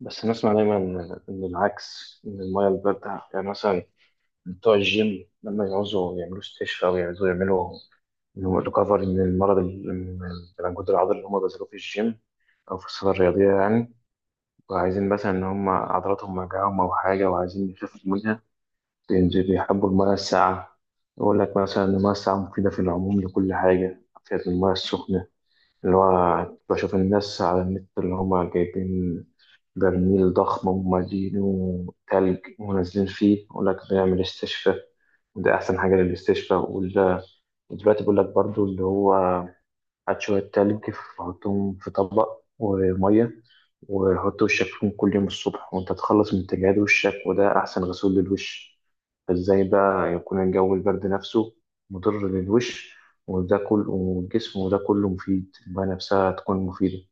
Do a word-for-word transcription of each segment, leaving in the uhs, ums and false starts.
بس نسمع دايما إن إن العكس، إن المية الباردة، يعني مثلا بتوع الجيم لما يعوزوا يعملوا استشفاء أو يعوزوا يعملوا ريكفري من المرض، ال- من الانجود العضلي اللي هم بذلوه في الجيم أو في الصالة الرياضية يعني، وعايزين مثلا إن هم عضلاتهم وجعهم أو حاجة وعايزين يخفوا منها. بينزل- بيحبوا المية الساقعة. يقول لك مثلا إن المية الساقعة مفيدة في العموم لكل حاجة فيها المية السخنة. اللي هو بشوف الناس على النت اللي هما جايبين برميل ضخم ومالينه تلج ونازلين فيه، يقول لك بنعمل استشفاء وده أحسن حاجة للاستشفاء وال- ودلوقتي بيقول لك برضو اللي هو هات شوية تلج، حطهم في طبق ومية، وحط وشك فيهم كل يوم الصبح وانت تخلص من تجاعيد وشك وده أحسن غسول للوش. فازاي بقى يكون الجو البرد نفسه مضر للوش وده كله والجسم، وده كله مفيد المية نفسها تكون مفيدة؟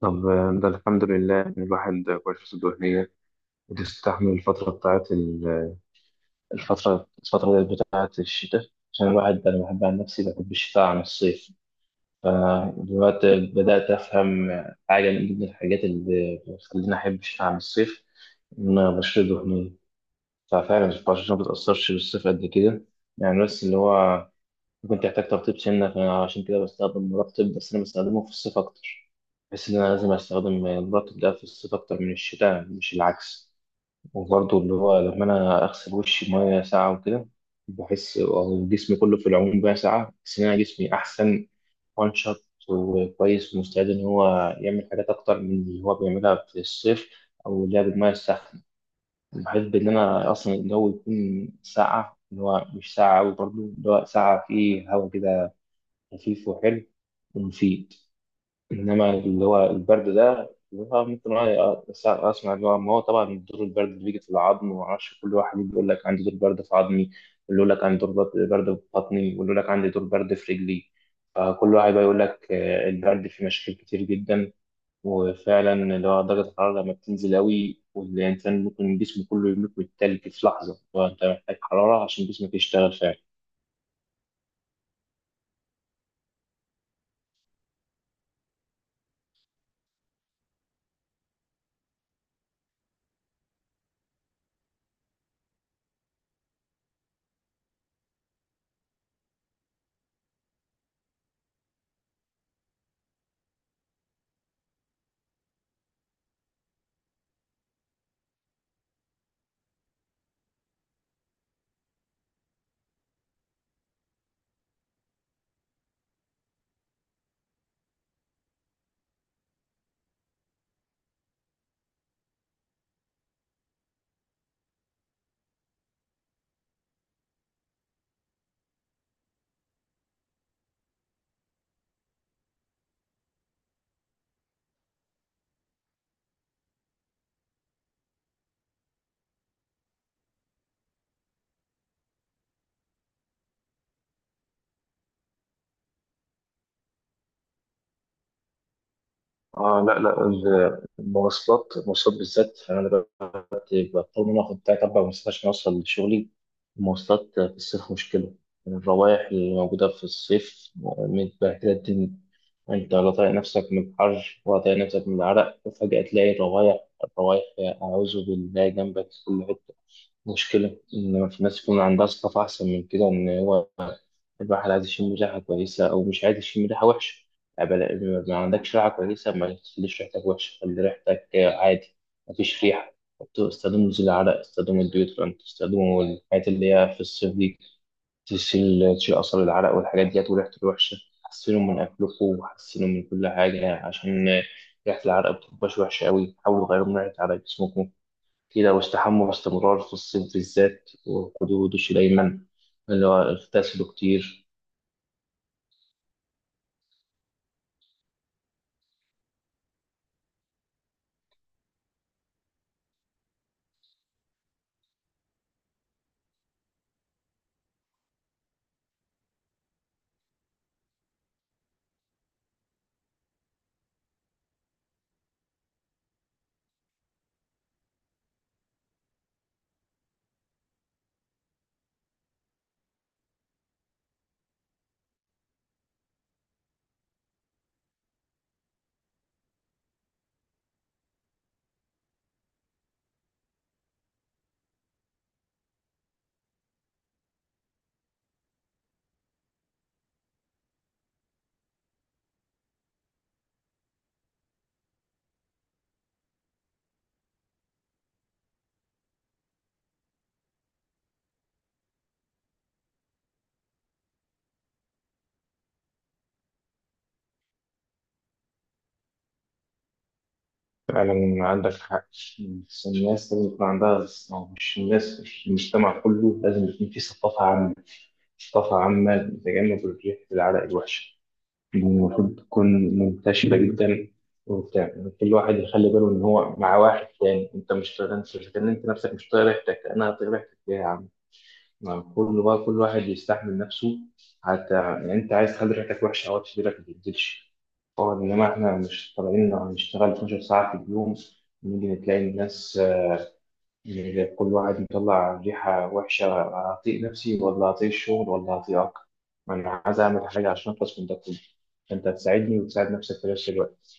طب آه، ده الحمد لله إن الواحد غرفته الدهنية بتستحمل الفترة بتاعت ال- الفترة الفترة بتاعت الشتاء. عشان الواحد أنا بحب عن نفسي بحب الشتاء عن الصيف. فدلوقتي بدأت أفهم حاجة من ضمن الحاجات اللي بتخليني أحب الشتاء عن الصيف، إن بشرة دهنية ففعلا البشرة ما بتأثرش بالصيف قد كده، يعني. بس اللي هو ممكن تحتاج ترطيب سنة، فعشان كده بستخدم مرطب بس أنا بستخدمه في الصيف أكتر. بحس إن أنا لازم أستخدم المرطب ده في الصيف أكتر من الشتاء، مش العكس. وبرضه اللي هو لما أنا أغسل وشي مية ساقعة وكده، بحس أو جسمي كله في العموم بقى ساقعة، بحس إن أنا جسمي أحسن وان شوت وكويس ومستعد ان هو يعمل حاجات اكتر من اللي هو بيعملها في الصيف. او اللعب بالميه الساخنه، بحب ان انا اصلا الجو يكون ساقعه، اللي هو مش ساقعه قوي، برضه اللي هو ساقعه فيه هوا كده خفيف وحلو ومفيد. انما اللي هو البرد ده اللي هو ممكن أنا أس- اسمع، اللي هو ما هو طبعا دور البرد اللي بيجي في العظم وما اعرفش، كل واحد بيقول لك عندي دور برد في عظمي، واللي يقول لك عندي دور برد برد في بطني، واللي يقول لك عندي دور برد في رجلي. فكل واحد بقى يقول لك آه، البرد فيه مشاكل كتير جدا. وفعلا اللي هو درجة الحرارة لما بتنزل قوي، والإنسان ممكن جسمه كله يموت من التلج في لحظة، وأنت محتاج حرارة عشان جسمك يشتغل فعلا. اه، لا لا، ال- المواصلات المواصلات بالذات، انا بقت- بضطر ان انا اخد تلات اربع مواصلات عشان اوصل لشغلي. المواصلات في الصيف مشكله. الروائح اللي موجوده في الصيف متبهدله الدنيا. انت لا طايق نفسك من الحر ولا طايق نفسك من العرق، وفجاه تلاقي الروايح الروايح اعوذ بالله جنبك في كل حته. مشكله ان في ناس يكون عندها ثقافه احسن من كده، ان هو الواحد عايز يشم ريحة كويسة أو مش عايز يشم ريحة وحشة. يعني بلا- ما عندكش ريحة كويسة ما تخليش ريحتك وحشة، خلي ريحتك عادي، مفيش ريحة. استخدموا زي العرق، استخدموا الديوترنت، استخدموا الحاجات اللي هي في الصيف دي تشيل تشيل أثر العرق والحاجات ديت وريحته الوحشة. حسنوا من أكلكم وحسنوا من كل حاجة عشان ريحة العرق بتبقاش وحشة أوي، حاولوا تغيروا من ريحة عرق جسمكم كده، واستحموا باستمرار في الصيف بالذات، وخدوا دش دايما، اللي هو اغتسلوا كتير. فعلا عندك حق، بس الناس لازم يكون عندها، يعني مش الناس مش المجتمع كله، لازم يكون فيه ثقافة عامة، ثقافة عامة لتجنب الريح العرق الوحشة دي. المفروض تكون منتشرة جدا وبتاع، يعني كل واحد يخلي باله إن هو مع واحد تاني، أنت مش طايق، أنت مش كان أنت نفسك مش طايق ريحتك أنا طايق ريحتك ليه يا عم؟ ما كل بقى كل واحد يستحمل نفسه. حتى يعني انت عايز تخلي ريحتك وحشه او تشترك، ما تنزلش طبعا. انما احنا مش طالعين هنشتغل اتناشر ساعه في اليوم نيجي نتلاقي الناس، يعني كل واحد مطلع ريحه وحشه هطيق نفسي ولا هطيق الشغل ولا هطيقك. انا عايز اعمل حاجه عشان اخلص من ده كله، انت هتساعدني وتساعد نفسك في نفس الوقت.